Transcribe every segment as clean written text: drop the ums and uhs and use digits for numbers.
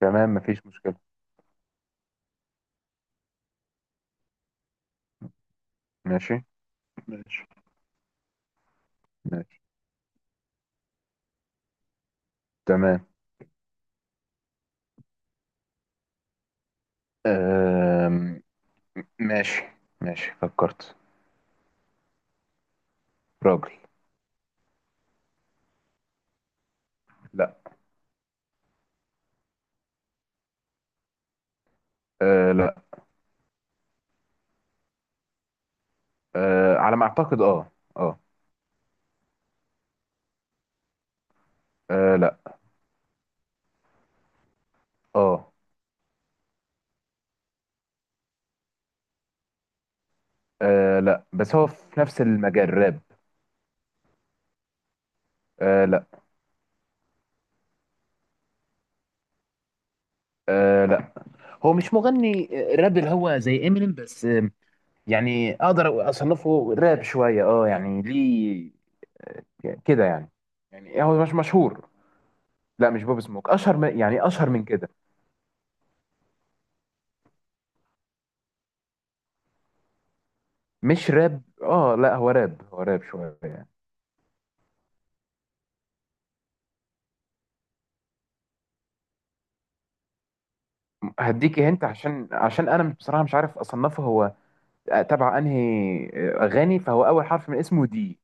تمام، مفيش مشكلة. ماشي. ماشي. ماشي. تمام. أم... ماشي. ماشي، فكرت. راجل. لا. لا. على ما أعتقد، اه اه. لا، اه. لا، بس هو في نفس المجال راب. لا. لا، هو مش مغني. راب، اللي هو زي امينيم. بس يعني أقدر أصنفه راب شوية، اه يعني ليه كده يعني. يعني هو مش مشهور. لا، مش بوب سموك، أشهر من، يعني أشهر من كده. مش راب، اه لا هو راب، هو راب شويه يعني. هديكي هنت، عشان انا بصراحه مش عارف اصنفه هو تبع انهي اغاني، فهو اول حرف من اسمه دي.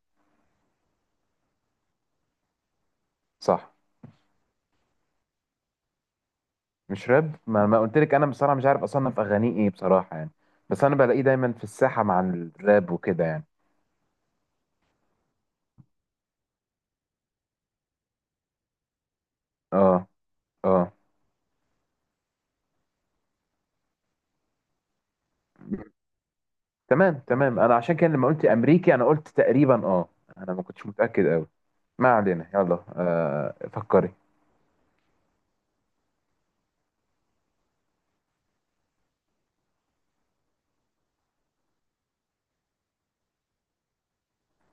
صح. مش راب، ما قلت لك انا بصراحه مش عارف اصنف اغانيه ايه بصراحه يعني. بس انا بلاقيه دايما في الساحه مع الراب وكده يعني. اه. اه. تمام. تمام. انا عشان كده لما قلت امريكي انا قلت تقريبا، اه. انا ما كنتش متاكد قوي. ما علينا، يلا فكري.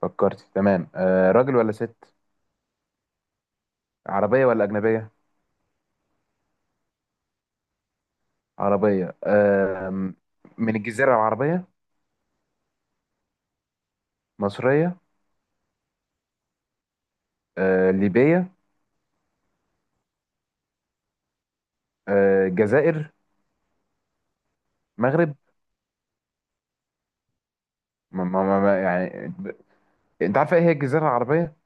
فكرتي؟ تمام. راجل ولا ست؟ عربيه ولا اجنبيه؟ عربية. من الجزيرة العربية؟ مصرية؟ ليبية؟ جزائر؟ مغرب؟ ما ما ما ما- يعني ب- انت عارفة ايه هي الجزيرة العربية؟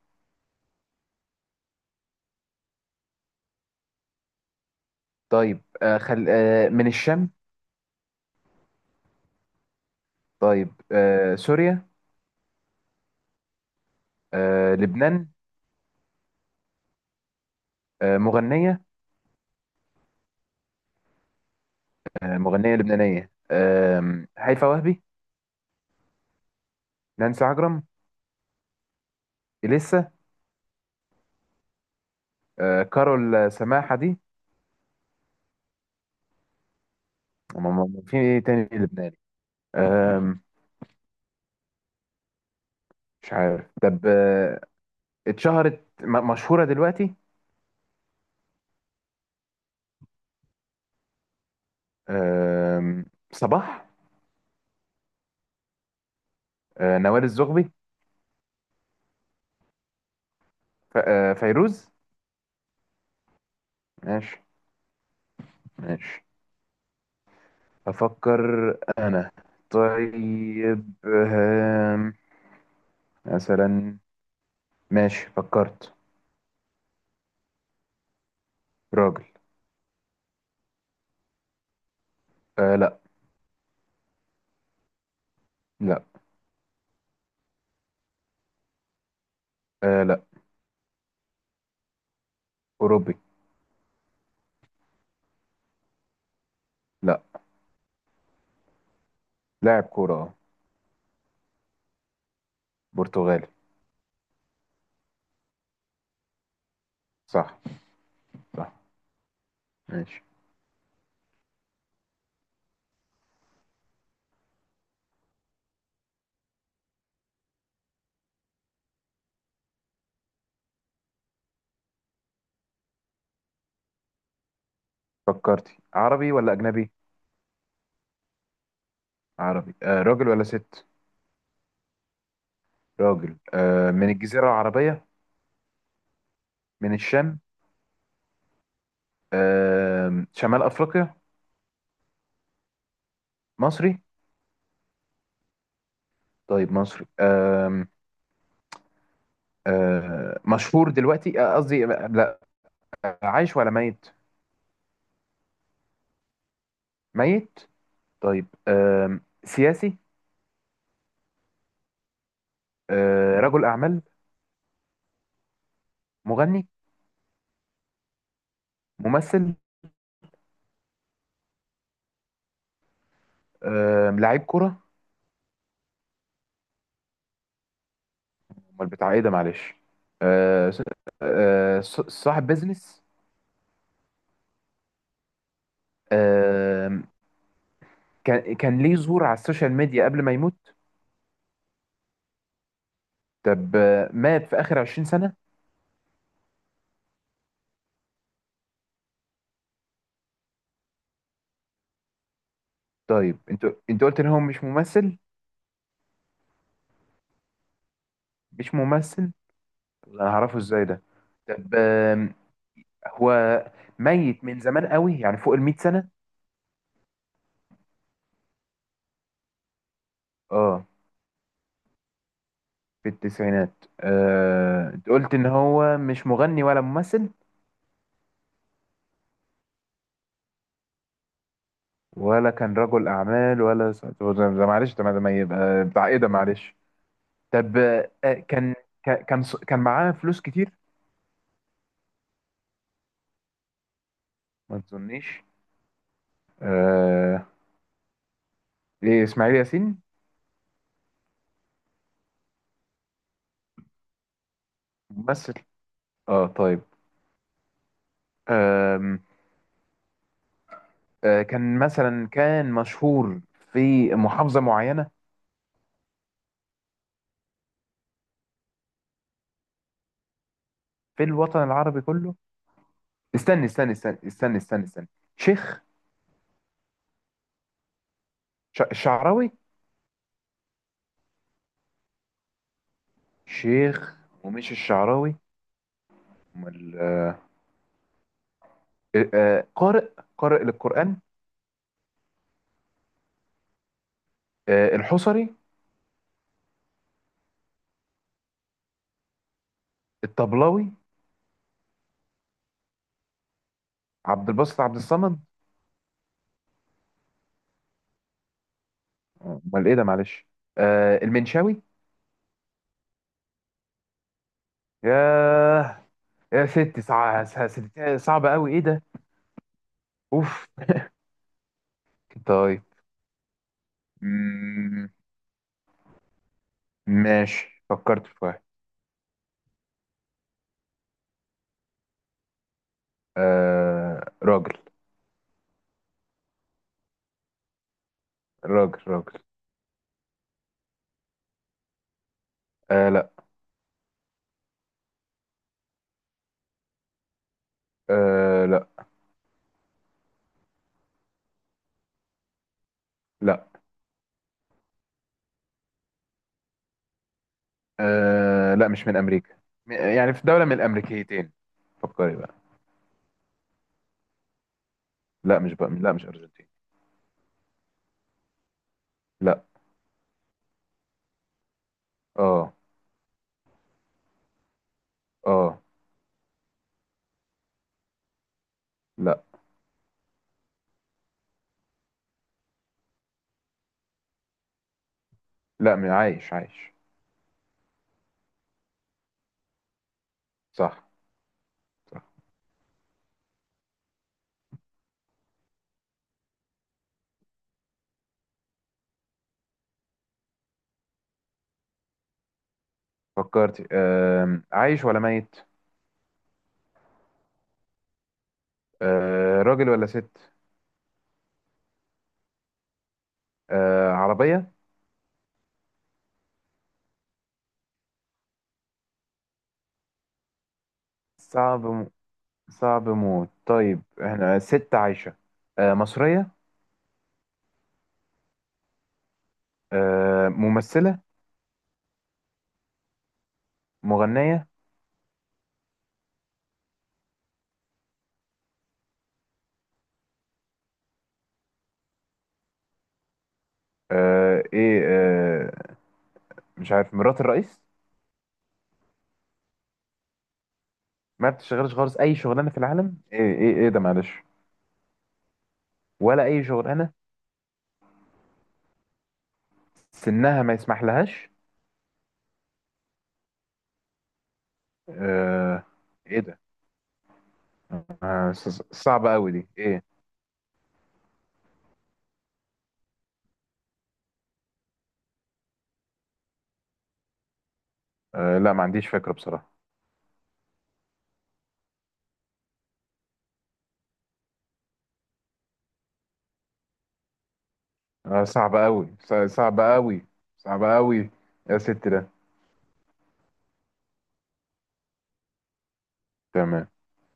طيب، من الشام؟ طيب، سوريا؟ لبنان؟ مغنية؟ مغنية لبنانية. هيفاء وهبي؟ نانسي عجرم؟ إليسا؟ كارول سماحة دي؟ في ايه تاني لبناني؟ آم، مش عارف. طب مشهورة دلوقتي؟ آم، صباح؟ نوال الزغبي؟ فيروز؟ ماشي. ماشي. أفكر. أنا. طيب مثلا. ماشي، فكرت. راجل. لا. لا. لا. أوروبي. لا. لاعب كورة برتغالي. صح. صح. ماشي. فكرتي؟ عربي ولا أجنبي؟ عربي. راجل ولا ست؟ راجل. من الجزيرة العربية؟ من الشام؟ شمال أفريقيا؟ مصري؟ طيب مصري. أه مشهور دلوقتي، قصدي لا. عايش ولا ميت؟ ميت. طيب، سياسي؟ رجل أعمال؟ مغني؟ ممثل؟ لاعب كرة؟ امال بتاع ايه ده، معلش. أه س- صاحب بيزنس؟ أم، كان ليه ظهور على السوشيال ميديا قبل ما يموت؟ طب مات في آخر 20 سنة؟ طيب، انت قلت ان هو مش ممثل. مش ممثل، انا هعرفه ازاي ده. طب هو ميت من زمان قوي يعني فوق المئة سنة. اه، في التسعينات. قلت ان هو مش مغني ولا ممثل ولا كان رجل اعمال ده معلش، طب ده ما يبقى بتاع ايه ده، معلش. طب كان ك- كان ص- كان معاه فلوس كتير. ما تظنيش. آه، ايه، اسماعيل ياسين؟ ممثل. اه طيب. آم، كان مثلا كان مشهور في محافظة معينة؟ في الوطن العربي كله؟ استنى استنى استنى استنى استنى استنى. شيخ؟ الشعراوي؟ شيخ، ومش الشعراوي. امال؟ قارئ، قارئ للقرآن؟ الحصري؟ الطبلاوي؟ عبد الباسط عبد الصمد؟ امال ايه ده، معلش. المنشاوي؟ ياه. يا ست صعبة قوي ايه ده. اوف. طيب. مم، ماشي، فكرت في واحد. راجل. راجل. راجل. لا. لا. لا. لا، مش من امريكا. يعني في دولة من الامريكيتين. فكري بقى. لا، مش بقى، لا مش ارجنتين. لا. اه. اه. لا. لا، عايش عايش. صح. فكرتي؟ عايش ولا ميت؟ راجل ولا ست؟ عربية. صعب صعب موت. طيب، احنا ست عايشة. مصرية. ممثلة. مغنية. آه ايه آه مش عارف، مرات الرئيس؟ ما بتشتغلش خالص اي شغلانه في العالم، ايه ايه ايه ده، معلش. ولا اي شغلانه. سنها ما يسمح لهاش. آه ايه ده. صعبه قوي دي، ايه. لا، ما عنديش فكره بصراحه. صعبه قوي، صعبه قوي، صعبه قوي يا ست ده. تمام.